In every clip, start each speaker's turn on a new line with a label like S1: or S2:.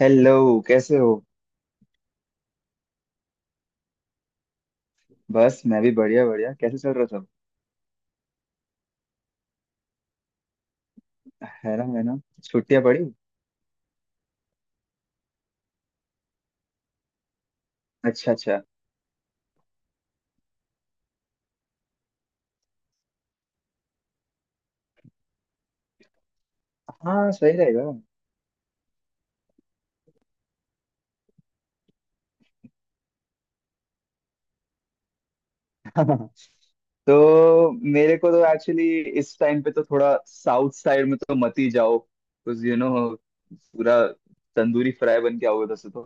S1: Hello. कैसे हो। बस, मैं भी बढ़िया बढ़िया। कैसे चल रहा सब। है ना, है ना। छुट्टियां पड़ी। अच्छा, अच्छा। हाँ, सही रहेगा। तो मेरे को तो एक्चुअली इस टाइम पे तो थोड़ा साउथ साइड में तो मत ही जाओ, कुछ यू नो। पूरा तंदूरी फ्राई बन के आओगे वैसे तो।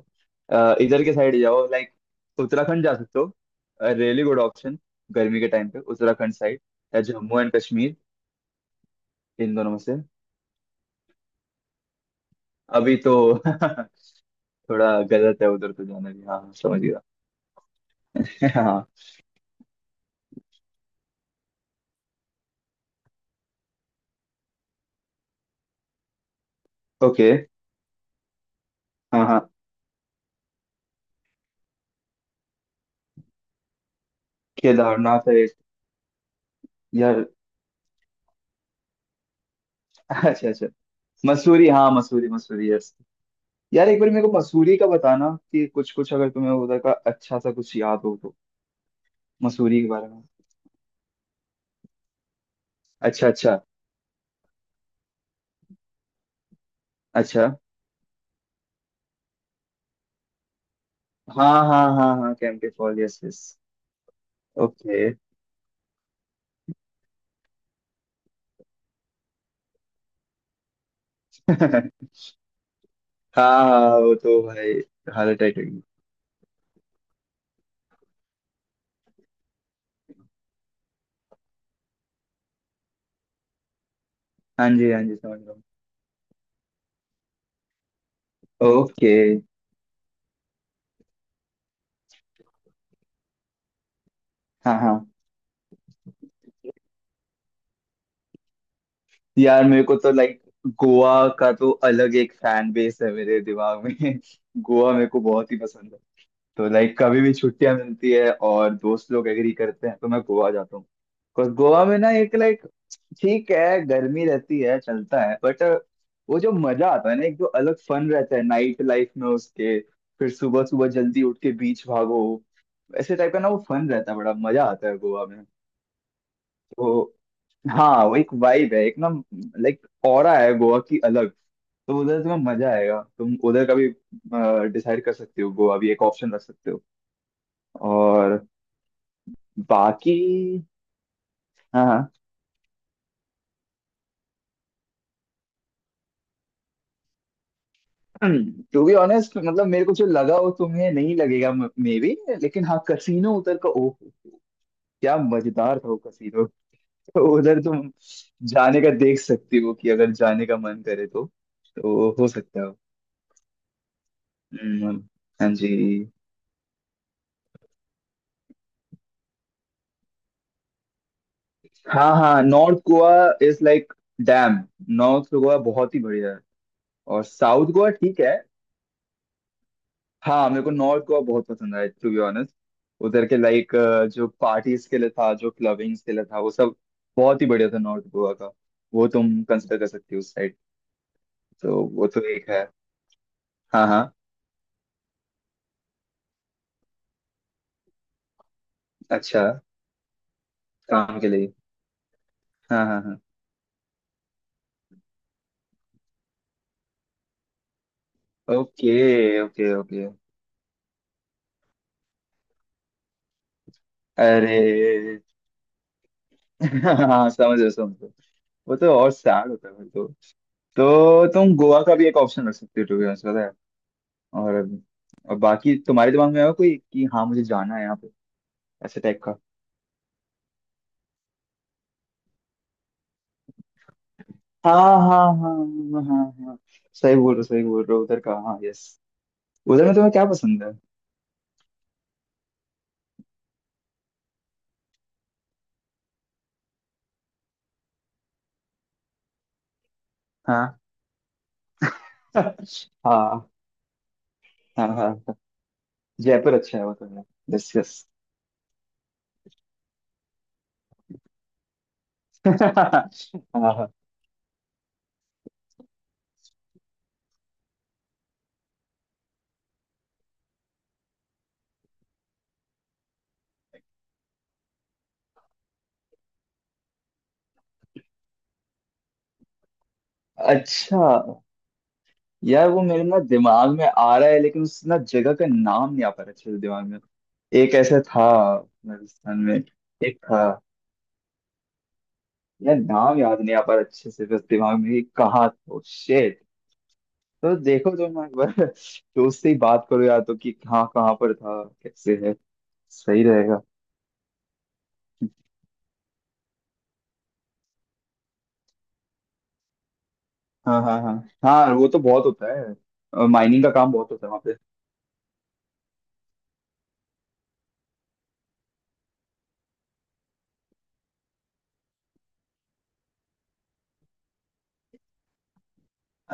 S1: इधर के साइड जाओ, लाइक उत्तराखंड जा सकते हो। Really good option. गर्मी के टाइम पे उत्तराखंड साइड। या जम्मू एंड कश्मीर। इन दोनों में से अभी तो थोड़ा गलत है उधर तो जाना भी। हाँ, समझ गया। हाँ। ओके। हाँ, हाँ। केदारनाथ है एक। यार अच्छा, अच्छा। मसूरी, हाँ मसूरी, मसूरी, यस। यार, एक बार मेरे को मसूरी का बताना कि कुछ कुछ अगर तुम्हें उधर का अच्छा सा कुछ याद हो तो। मसूरी के बारे में। अच्छा, अच्छा। अच्छा। हाँ हाँ हाँ हाँ, कैंप के फॉल, यस यस। ओके। हाँ। हाँ, वो तो भाई हालत टाइट होगी। हाँ जी, हाँ जी, समझ रहा हूँ। ओके। हाँ, हाँ। यार मेरे को तो लाइक गोवा का तो अलग एक फैन बेस है मेरे दिमाग में। गोवा मेरे को बहुत ही पसंद है। तो लाइक कभी भी छुट्टियां मिलती है और दोस्त लोग एग्री करते हैं तो मैं गोवा जाता हूँ, बिकॉज गोवा में ना एक लाइक ठीक है गर्मी रहती है, चलता है बट वो जो मजा आता है ना, एक जो अलग फन रहता है नाइट लाइफ में उसके, फिर सुबह सुबह जल्दी उठ के बीच भागो, ऐसे टाइप का ना वो फन रहता है, बड़ा मजा आता है गोवा में। तो हाँ, वो एक वाइब है, एक ना लाइक ऑरा है गोवा की अलग। तो उधर तुम्हें मजा आएगा, तुम उधर का भी डिसाइड कर सकते हो, गोवा भी एक ऑप्शन रख सकते हो। और बाकी, हाँ, हाँ। टू बी ऑनेस्ट, मतलब मेरे को जो लगा वो तुम्हें नहीं लगेगा मे बी, लेकिन हाँ, कसीनो उधर का, ओह क्या मजेदार था वो कसीनो। तो उधर तुम जाने का देख सकती हो कि अगर जाने का मन करे तो हो सकता है। हम्म। हाँ जी। हाँ हाँ, north Goa is like damn, north Goa बहुत ही बढ़िया है। और साउथ गोवा ठीक है। हाँ, मेरे को नॉर्थ गोवा बहुत पसंद आया टू बी ऑनेस्ट। उधर के लाइक जो पार्टीज के लिए था, जो क्लबिंग्स के लिए था, वो सब बहुत ही बढ़िया था नॉर्थ गोवा का। वो तुम कंसिडर कर सकती हो उस साइड। तो वो तो एक है। हाँ, हाँ। अच्छा। काम के लिए। हाँ हाँ हाँ। Okay okay okay. अरे हाँ, समझो, समझो। वो तो और सैड होता है फिर तो। तो तुम गोवा का भी एक ऑप्शन रख सकते हो टू बी ऑनेस्ट, पता है। और, और बाकी तुम्हारे दिमाग में है कोई कि हाँ मुझे जाना है यहाँ पे, ऐसे टाइप का। हाँ। हाँ, हाँ। हाँ हाँ हाँ। सही बोल रहे हो, सही बोल रहे हो, उधर का, हाँ यस। उधर में तुम्हें क्या पसंद है। हाँ हाँ हाँ हाँ। जयपुर अच्छा है, वो तो है। Yes, yes. हाँ, हाँ। अच्छा। यार, वो मेरे ना दिमाग में आ रहा है लेकिन उस ना जगह का नाम नहीं आ पा रहा अच्छे से दिमाग में। एक ऐसा था राजस्थान में। एक था। यार, नाम याद नहीं आ पा रहा अच्छे से, बस दिमाग में ही, कहाँ तो, शेट। तो देखो, जो मैं एक बार दोस्त से ही बात करो यार तो, कि कहाँ कहाँ पर था कैसे है, सही रहेगा। हाँ हाँ हाँ। हाँ वो तो बहुत होता है, माइनिंग का काम बहुत होता है वहाँ पे।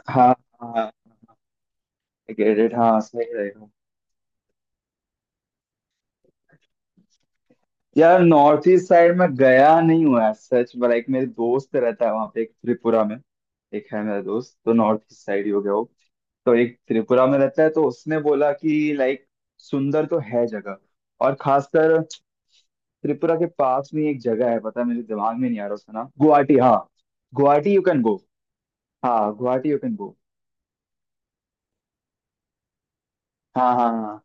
S1: हाँ, हाँ। क्रेडिट, हाँ सही रहेगा। यार नॉर्थ ईस्ट साइड में गया नहीं हुआ है सच में, लाइक मेरे दोस्त रहता है वहाँ पे एक, त्रिपुरा में। एक है मेरा दोस्त तो, नॉर्थ ईस्ट साइड ही हो गया वो। तो एक त्रिपुरा में रहता है, तो उसने बोला कि लाइक सुंदर तो है जगह। और खासकर त्रिपुरा के पास में एक जगह है, पता है मेरे दिमाग में नहीं आ रहा उसका नाम, गुवाहाटी। हाँ, गुवाहाटी यू कैन गो। हाँ, गुवाहाटी यू कैन गो। हाँ हाँ हाँ।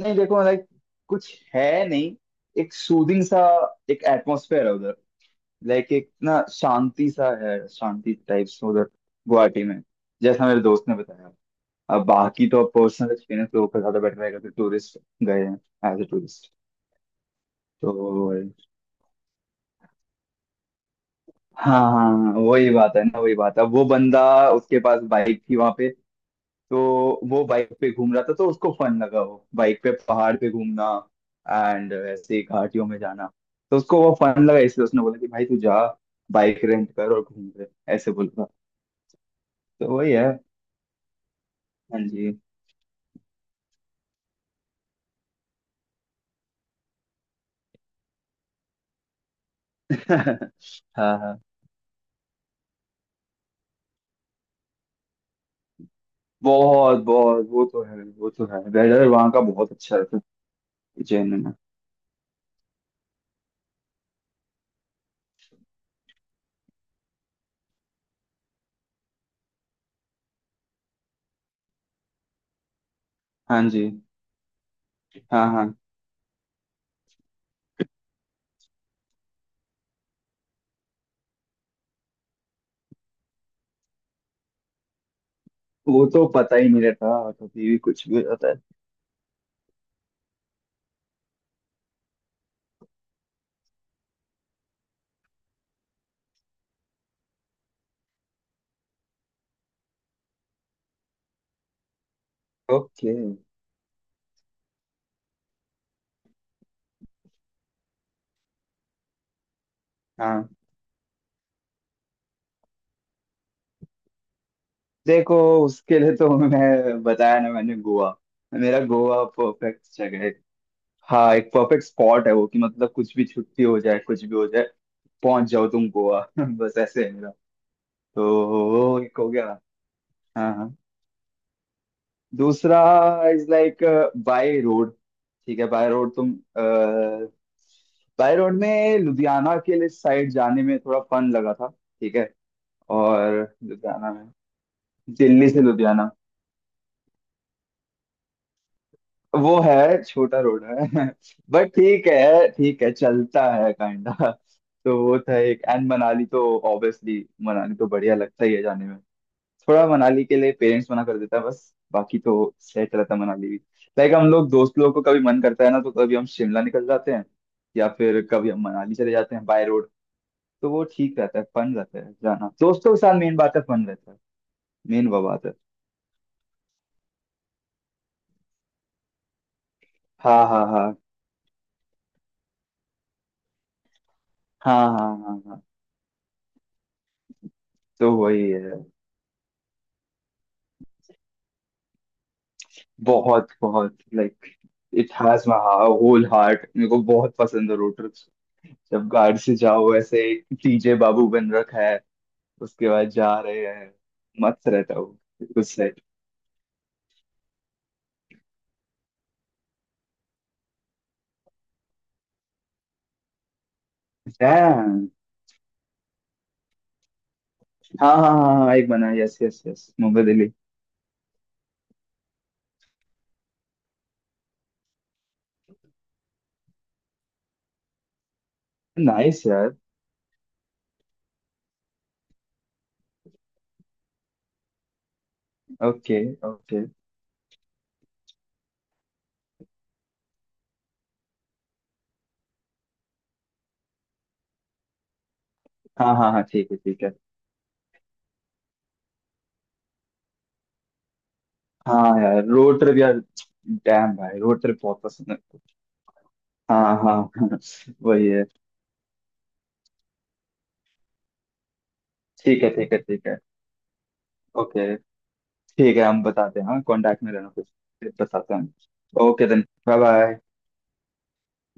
S1: नहीं देखो लाइक कुछ है नहीं, एक सूदिंग सा, एक एटमोसफेयर है उधर। लाइक एक ना शांति सा है, शांति टाइप्स उधर, गुवाहाटी में, जैसा मेरे दोस्त ने बताया। अब बाकी तो पर्सनल एक्सपीरियंस लोगों का ज्यादा बेटर रहेगा कि टूरिस्ट गए हैं एज ए टूरिस्ट। तो हाँ हाँ, वही बात है ना, वही बात है, वो बंदा, उसके पास बाइक थी वहां पे, तो वो बाइक पे घूम रहा था, तो उसको फन लगा वो बाइक पे पहाड़ पे घूमना एंड ऐसे घाटियों में जाना। तो उसको वो फन लगा इसलिए उसने बोला कि भाई तू जा, बाइक रेंट कर और घूम ले, ऐसे बोल रहा। तो वही है। हाँ जी। हाँ, हाँ। बहुत बहुत, वो तो है, वो तो है, वेदर वहाँ का बहुत अच्छा रहता है। उज्जैन में। हाँ जी। हाँ हाँ, वो तो पता ही नहीं रहता कभी भी, कुछ भी हो जाता है। ओके। हाँ, देखो उसके लिए तो मैं बताया ना मैंने, गोवा। मेरा गोवा परफेक्ट जगह है। हाँ एक परफेक्ट स्पॉट है वो कि मतलब कुछ भी छुट्टी हो जाए, कुछ भी हो जाए पहुंच जाओ तुम गोवा। बस ऐसे है मेरा। तो वो एक हो गया। हाँ, हाँ। दूसरा इज लाइक बाय रोड। ठीक है, बाय रोड तुम, बाय रोड में लुधियाना के लिए साइड जाने में थोड़ा फन लगा था। ठीक है। और, लुधियाना में दिल्ली से लुधियाना, वो है छोटा रोड है बट ठीक है, ठीक है, चलता है काइंडा। तो वो था एक, एंड मनाली तो ऑब्वियसली मनाली तो बढ़िया लगता ही है जाने में। थोड़ा मनाली के लिए पेरेंट्स मना कर देता है, बस बाकी तो सेट रहता है मनाली भी। लाइक हम लोग दोस्त लोगों को कभी मन करता है ना तो कभी हम शिमला निकल जाते हैं, या फिर कभी हम मनाली चले जाते हैं बाय रोड। तो वो ठीक रहता है, फन रहता है जाना दोस्तों के साथ, मेन बात है फन रहता है, मेन वो बात है। हाँ हाँ हाँ हाँ हाँ हाँ हाँ। तो वही है। बहुत बहुत like it has my whole heart, मेरे को बहुत पसंद है रोटर्स, जब गार्ड से जाओ ऐसे। टीजे बाबू बन रखा है उसके बाद, जा रहे हैं, मस्त रहता हूँ उस साइड। डैम। हाँ हाँ हाँ हाँ, एक बना, yes yes yes, Mumbai Delhi. Nice यार। Okay, okay. हाँ हाँ हाँ, ठीक है, ठीक है। हाँ यार रोड ट्रिप, यार डैम भाई, रोड ट्रिप बहुत पसंद है। हाँ हाँ हाँ। वही है। ठीक है, ठीक है, ठीक है। ओके। ठीक है, हम बताते हैं, हाँ कांटेक्ट में रहना फिर बताते हैं। Okay then, bye bye.